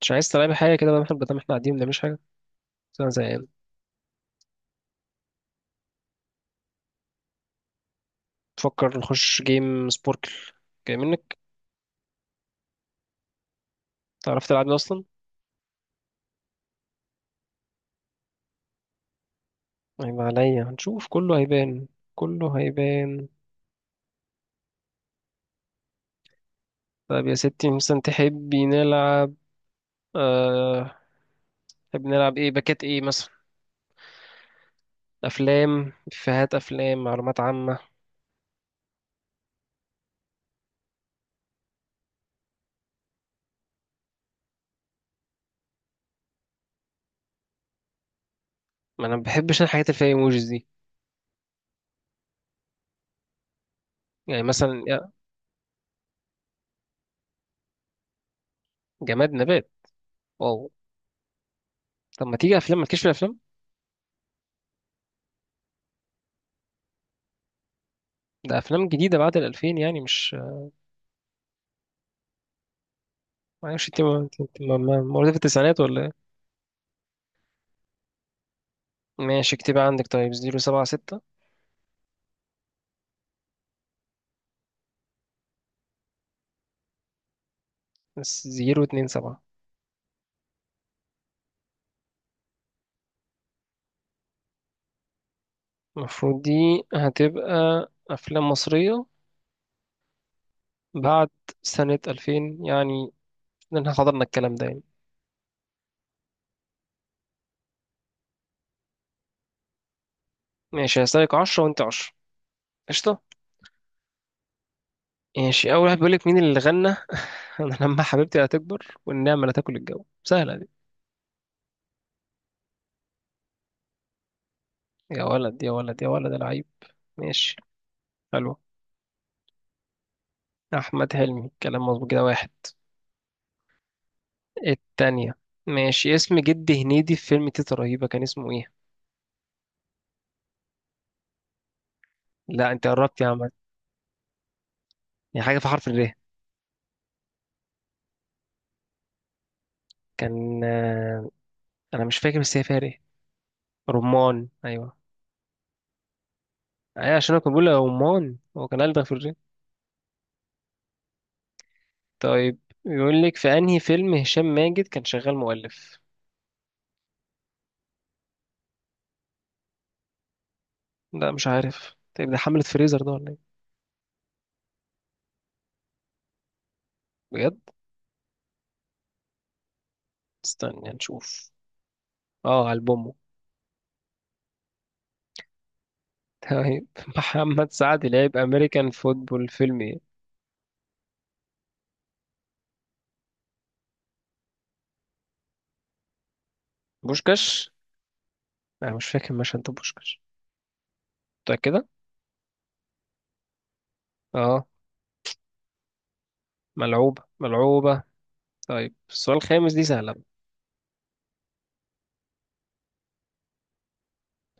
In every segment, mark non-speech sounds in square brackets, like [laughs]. مش عايز تلعب حاجة كده بقى؟ احنا قاعدين ما بنعملش حاجة، بس أنا زهقان. بفكر نخش جيم سبوركل. جاي منك؟ تعرف تلعب ده أصلا؟ هيبقى عليا، هنشوف كله هيبان، كله هيبان. طب يا ستي، مثلا تحبي نلعب؟ أه... تحبي نلعب ايه؟ باكات ايه مثلا؟ أفلام، إفيهات أفلام، معلومات عامة؟ ما أنا ما بحبش أنا الحاجات اللي فيها ايموجيز دي. يعني مثلا يا جماد نبات، واو. طب ما تيجي أفلام، ما تكشف الأفلام. ده أفلام جديدة بعد الألفين يعني، مش معرفش، انت مولودة في التسعينات ولا؟ ماشي، اكتبها عندك، طيب زيرو سبعة ستة. بس زيرو اتنين سبعة. المفروض دي هتبقى أفلام مصرية بعد سنة ألفين يعني، لأن احنا حضرنا الكلام ده يعني. ماشي، هسألك عشرة وأنت عشرة، قشطة. ماشي، أول واحد، بيقولك مين اللي غنى [laughs] أنا لما حبيبتي هتكبر والنعمة لا تاكل الجو؟ سهلة دي. يا ولد يا ولد يا ولد العيب، ماشي، حلو، أحمد حلمي كلام مظبوط، كده واحد. التانية، ماشي، اسم جد هنيدي في فيلم تيتا رهيبة كان اسمه إيه؟ لا أنت قربت يا عم، يعني حاجة في حرف الر. كان أنا مش فاكر بس هي فيها ر. رمان، أيوة. أيوة عشان أنا كنت بقول له رمان، هو كان ألدغ في الر. طيب، يقول لك في أنهي فيلم هشام ماجد كان شغال مؤلف؟ لا مش عارف، طيب ده حملة فريزر ده ولا إيه؟ بجد؟ استنى نشوف، اه ألبومه. طيب، [laughs] محمد سعد لعب أمريكان فوتبول فيلم إيه؟ بوشكاش. أنا مش فاكر مشهد ده بوشكاش. متأكدة؟ اه. ملعوبة ملعوبة. طيب السؤال الخامس دي سهلة.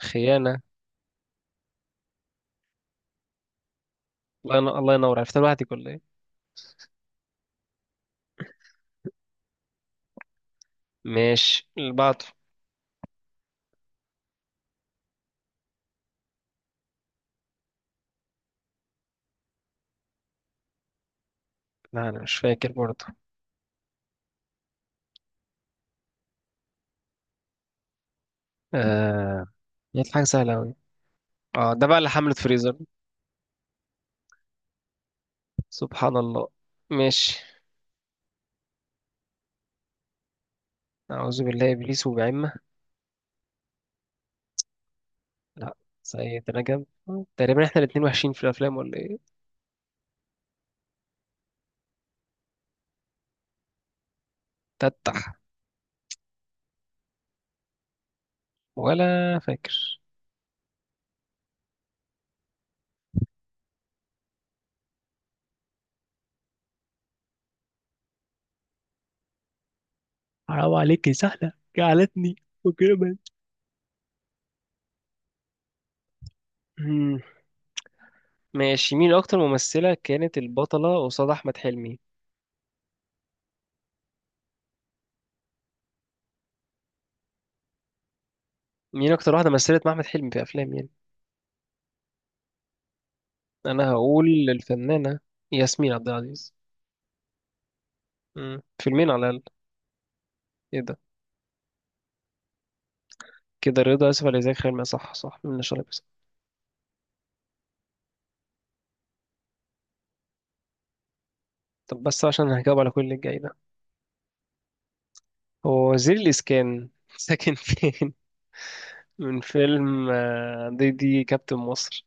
خيانة. الله ينور، الله ينور. عرفتها لوحدك ولا ايه؟ ماشي، اللي بعده. لا انا مش فاكر برضه. آه جت حاجه سهله قوي. اه ده بقى اللي حمله فريزر. سبحان الله. ماشي. اعوذ بالله ابليس وبعمه. لا. سيد رجب. تقريبا احنا الاتنين وحشين في الافلام ولا ايه؟ تتح. ولا فاكر. حرام عليك، يا سهلة جعلتني مجرما. مم. ماشي، مين اكتر ممثله كانت البطله قصاد احمد حلمي؟ مين اكتر واحده مثلت مع احمد حلمي في افلام يعني؟ انا هقول للفنانه ياسمين عبد العزيز. فيلمين على الاقل. ايه ده؟ كده رضا، اسف، على ازيك، خير ما صح، صح من شرب بس. طب بس عشان هجاوب على كل اللي جاي ده. هو وزير الاسكان [laughs] ساكن فين؟ من فيلم دي كابتن مصر.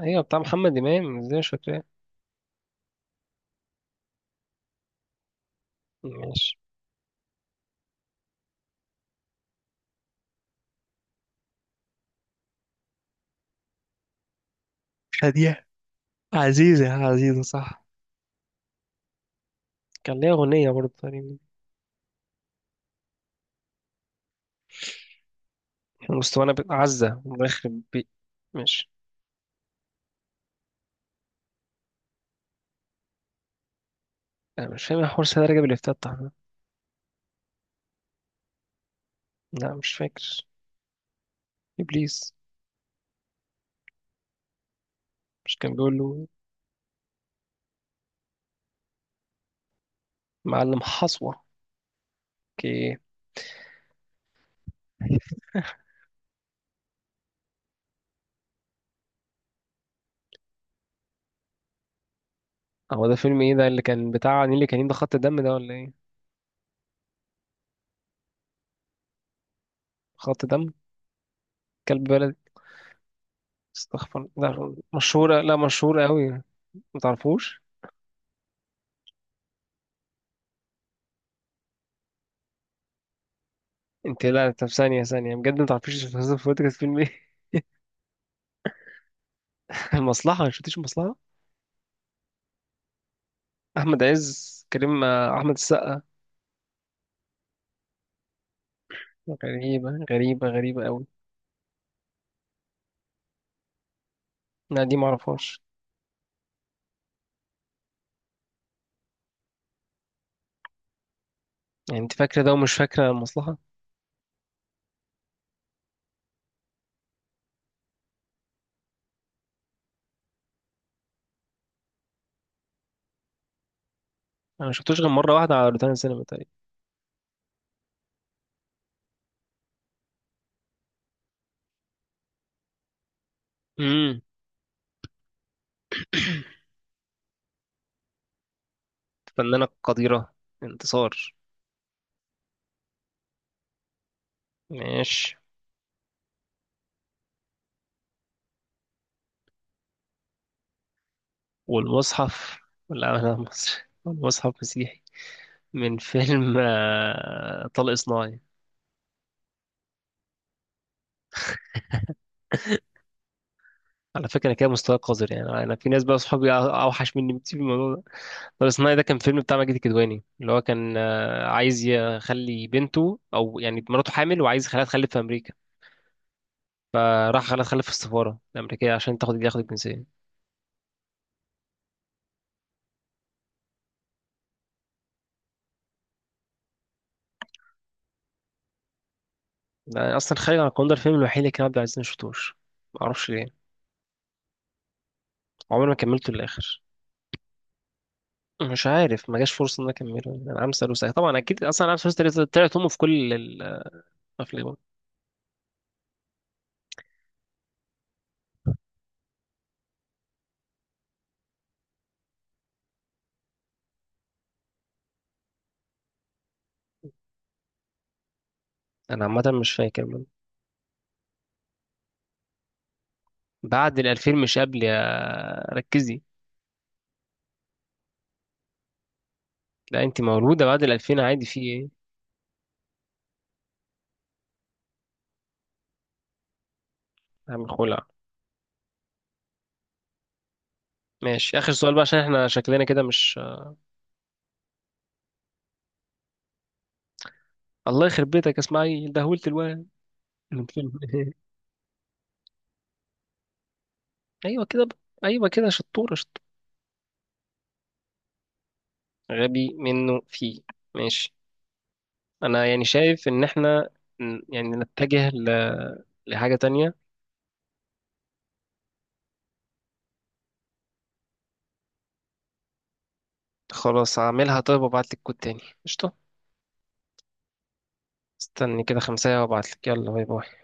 ايوه بتاع محمد امام، ازاي مش فاكراه؟ ماشي. شادية. عزيزة، يا عزيزة صح. كان ليها أغنية برضه تقريبا. مستوانا عزة ويخرب بي. ماشي. أنا مش فاهم إيه حوار سيدة رجب اللي افتتح ده. لا مش فاكر. إبليس. مش كان بيقول له معلم حصوة؟ اوكي. هو ده فيلم ايه ده اللي كان بتاع نيلي؟ كان ده خط دم ده ولا ايه؟ خط دم. كلب بلدي. استغفر، لا مشهورة، لا مشهورة قوي. ما تعرفوش. انت لا، طب ثانية ثانية بجد، ما تعرفيش فاصل فوت كانت فيلم ايه؟ [laughs] المصلحة، ما شفتيش المصلحة؟ احمد عز، كريم، احمد السقا. غريبة، غريبة، غريبة قوي. لا دي ما اعرفهاش. يعني انت فاكرة ده ومش فاكرة المصلحة. انا ما شفتوش غير مرة واحدة على روتانا سينما تقريبا. امم، فنانة قديرة، انتصار. ماشي. والمصحف؟ ولا، لا مصري. والمصحف مسيحي. من فيلم طلق صناعي. على فكرة أنا كده مستواي قذر، يعني أنا في ناس بقى صحابي أوحش مني بكتير في الموضوع ده. طلق صناعي ده كان فيلم بتاع ماجد الكدواني، اللي هو كان عايز يخلي بنته، أو يعني مراته حامل، وعايز يخليها تخلف في أمريكا. فراح خلاها تخلف في السفارة الأمريكية عشان تاخد الجنسية. ده أصلا خارج عن القانون، ده الفيلم الوحيد اللي كان عبد العزيز ما شفتوش، معرفش ليه، عمري ما كملته للآخر. مش عارف ما جاش فرصه ان انا اكمله يعني. انا عم سالوسة، طبعا اكيد اصلا عم سالوسة طلعت امه في كل الافلام. انا عامه مش فاكر من. بعد ال 2000 مش قبل، يا ركزي. لا انت مولوده بعد ال 2000 عادي، في ايه؟ عم خلع. ماشي، اخر سؤال بقى عشان احنا شكلنا كده مش... الله يخرب بيتك، اسمعي دهولت الواد، من فيلم. [laughs] ايوه كده بقى. ايوه كده، شطوره شطوره، غبي منه فيه. ماشي. انا يعني شايف ان احنا يعني نتجه لحاجه تانية. خلاص هعملها، طيب وابعتلك كود تاني، قشطة. استني كده خمسة وابعتلك، يلا باي باي.